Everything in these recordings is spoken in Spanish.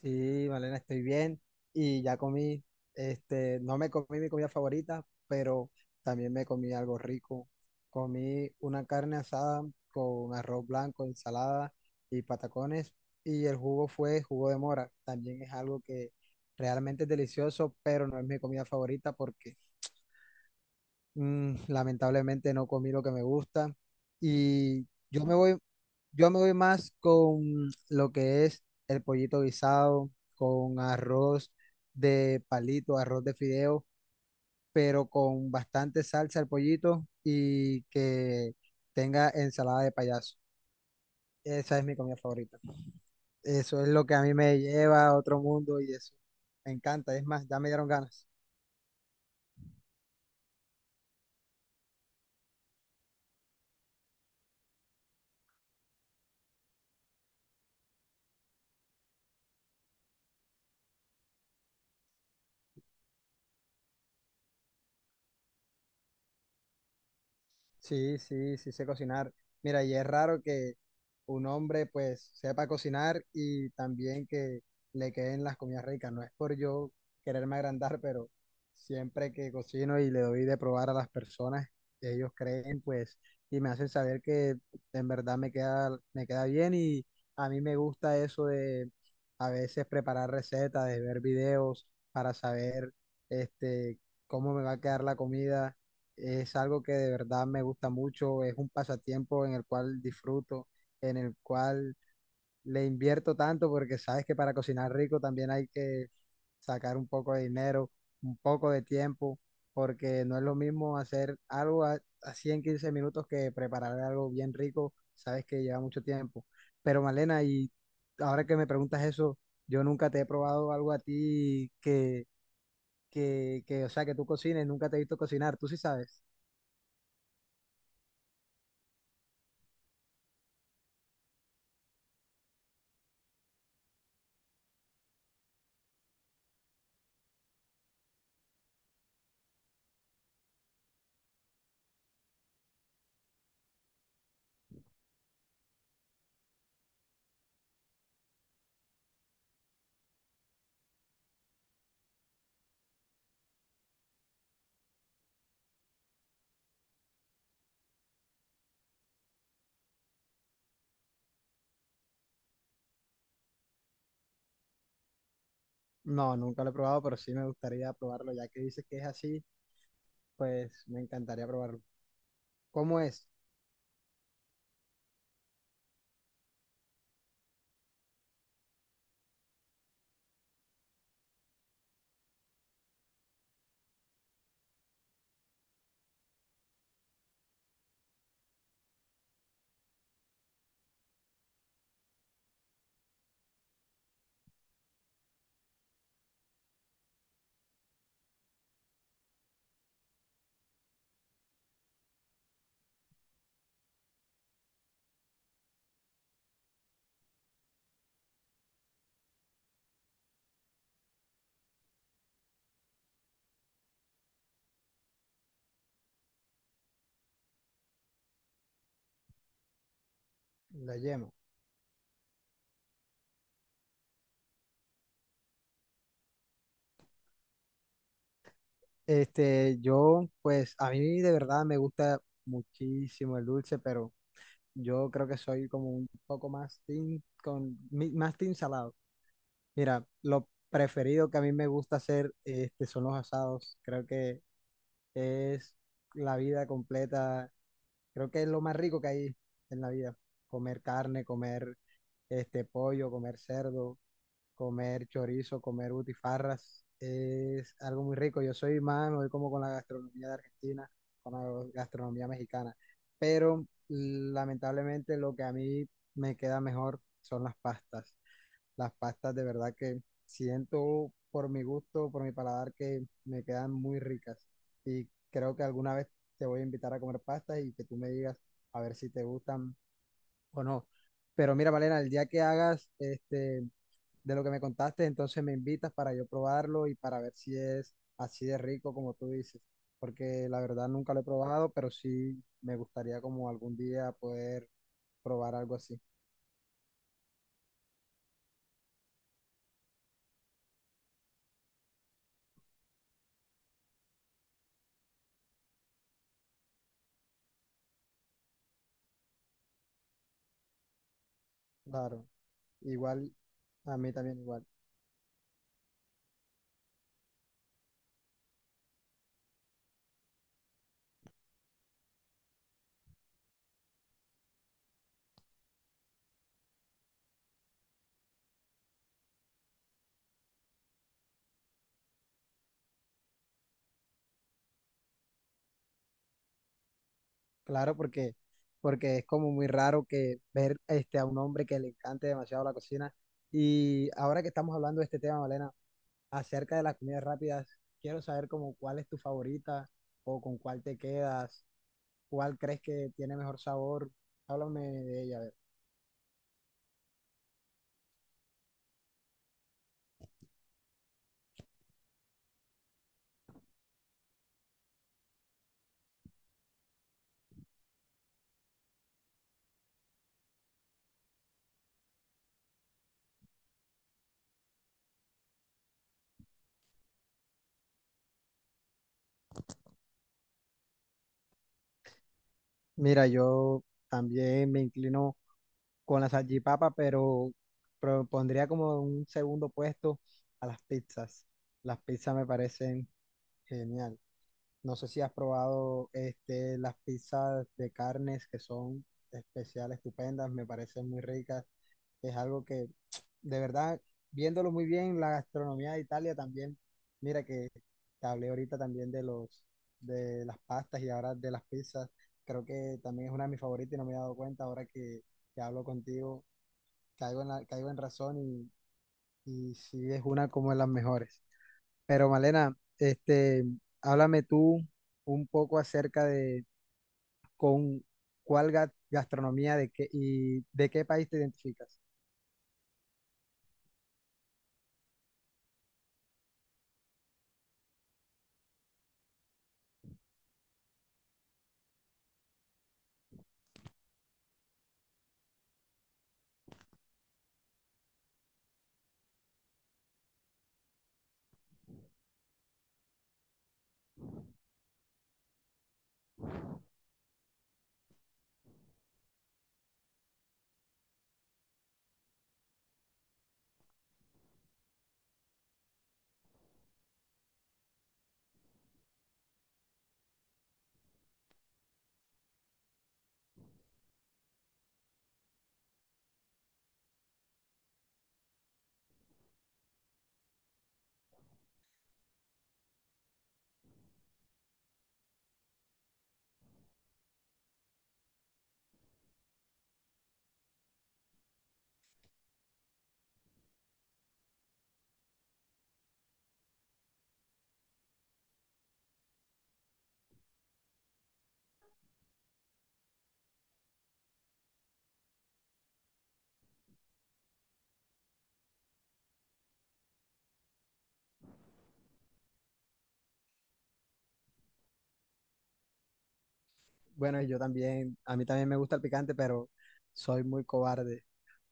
Sí, Malena, estoy bien y ya comí, no me comí mi comida favorita, pero también me comí algo rico. Comí una carne asada con arroz blanco, ensalada y patacones, y el jugo fue jugo de mora. También es algo que realmente es delicioso, pero no es mi comida favorita porque lamentablemente no comí lo que me gusta. Y yo me voy más con lo que es el pollito guisado, con arroz de palito, arroz de fideo, pero con bastante salsa el pollito y que tenga ensalada de payaso. Esa es mi comida favorita. Eso es lo que a mí me lleva a otro mundo y eso me encanta. Es más, ya me dieron ganas. Sí, sí, sí sé cocinar. Mira, y es raro que un hombre pues sepa cocinar y también que le queden las comidas ricas. No es por yo quererme agrandar, pero siempre que cocino y le doy de probar a las personas, ellos creen pues y me hacen saber que en verdad me queda bien, y a mí me gusta eso de a veces preparar recetas, de ver videos para saber este, cómo me va a quedar la comida. Es algo que de verdad me gusta mucho, es un pasatiempo en el cual disfruto, en el cual le invierto tanto porque sabes que para cocinar rico también hay que sacar un poco de dinero, un poco de tiempo, porque no es lo mismo hacer algo a, así en 15 minutos que preparar algo bien rico, sabes que lleva mucho tiempo. Pero Malena, y ahora que me preguntas eso, yo nunca te he probado algo a ti que, o sea, que tú cocines, nunca te he visto cocinar, tú sí sabes. No, nunca lo he probado, pero sí me gustaría probarlo, ya que dices que es así, pues me encantaría probarlo. ¿Cómo es la yema? Yo, pues a mí de verdad me gusta muchísimo el dulce, pero yo creo que soy como un poco más team más team salado. Mira, lo preferido que a mí me gusta hacer son los asados. Creo que es la vida completa. Creo que es lo más rico que hay en la vida. Comer carne, comer este pollo, comer cerdo, comer chorizo, comer butifarras. Es algo muy rico. Yo soy más, me voy como con la gastronomía de Argentina, con la gastronomía mexicana. Pero lamentablemente lo que a mí me queda mejor son las pastas. Las pastas de verdad que siento, por mi gusto, por mi paladar, que me quedan muy ricas. Y creo que alguna vez te voy a invitar a comer pastas y que tú me digas, a ver si te gustan o no. Pero mira, Valena, el día que hagas de lo que me contaste, entonces me invitas para yo probarlo y para ver si es así de rico como tú dices. Porque la verdad nunca lo he probado, pero sí me gustaría como algún día poder probar algo así. Claro, igual, a mí también igual. Claro, porque, porque es como muy raro que ver a un hombre que le encante demasiado la cocina. Y ahora que estamos hablando de este tema, Malena, acerca de las comidas rápidas, quiero saber como cuál es tu favorita, o con cuál te quedas, cuál crees que tiene mejor sabor. Háblame de ella, a ver. Mira, yo también me inclino con la salchipapa, pero propondría como un segundo puesto a las pizzas. Las pizzas me parecen genial. No sé si has probado las pizzas de carnes, que son especiales, estupendas, me parecen muy ricas. Es algo que, de verdad, viéndolo muy bien, la gastronomía de Italia también. Mira que te hablé ahorita también de los, de las pastas, y ahora de las pizzas. Creo que también es una de mis favoritas y no me he dado cuenta ahora que hablo contigo. Caigo en razón, y sí es una como de las mejores. Pero Malena, háblame tú un poco acerca de con cuál gastronomía de qué, y de qué país te identificas. Bueno, y yo también, a mí también me gusta el picante, pero soy muy cobarde.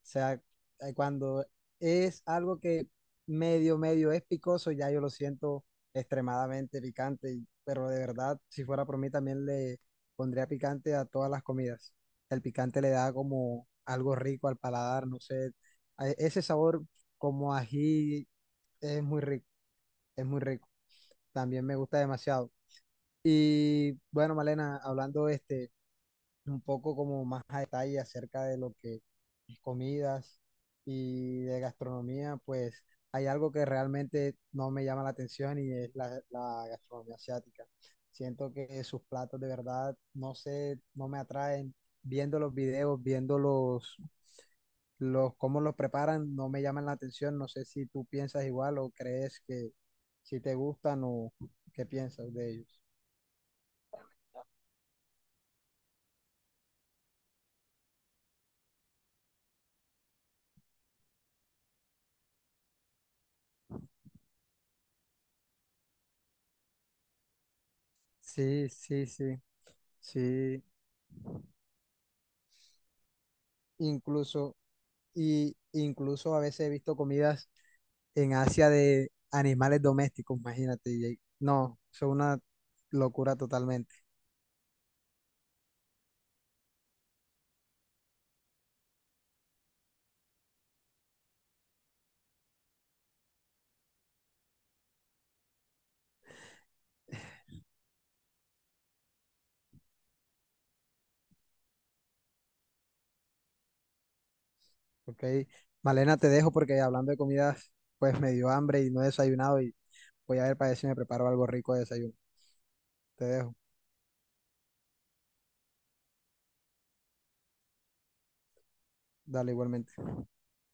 O sea, cuando es algo que medio es picoso, ya yo lo siento extremadamente picante, y- pero de verdad, si fuera por mí, también le pondría picante a todas las comidas. El picante le da como algo rico al paladar, no sé, a- ese sabor como ají es muy rico, es muy rico. También me gusta demasiado. Y bueno, Malena, hablando un poco como más a detalle acerca de lo que es comidas y de gastronomía, pues hay algo que realmente no me llama la atención, y es la gastronomía asiática. Siento que sus platos de verdad, no sé, no me atraen. Viendo los videos, viendo los cómo los preparan, no me llaman la atención. No sé si tú piensas igual o crees que si te gustan o qué piensas de ellos. Sí, sí, sí, sí, incluso, y incluso a veces he visto comidas en Asia de animales domésticos, imagínate, y- ahí- no, eso es una locura totalmente. ¿Ok? Malena, te dejo porque hablando de comidas, pues me dio hambre y no he desayunado, y voy a ver para ver si me preparo algo rico de desayuno. Te dejo, dale igualmente.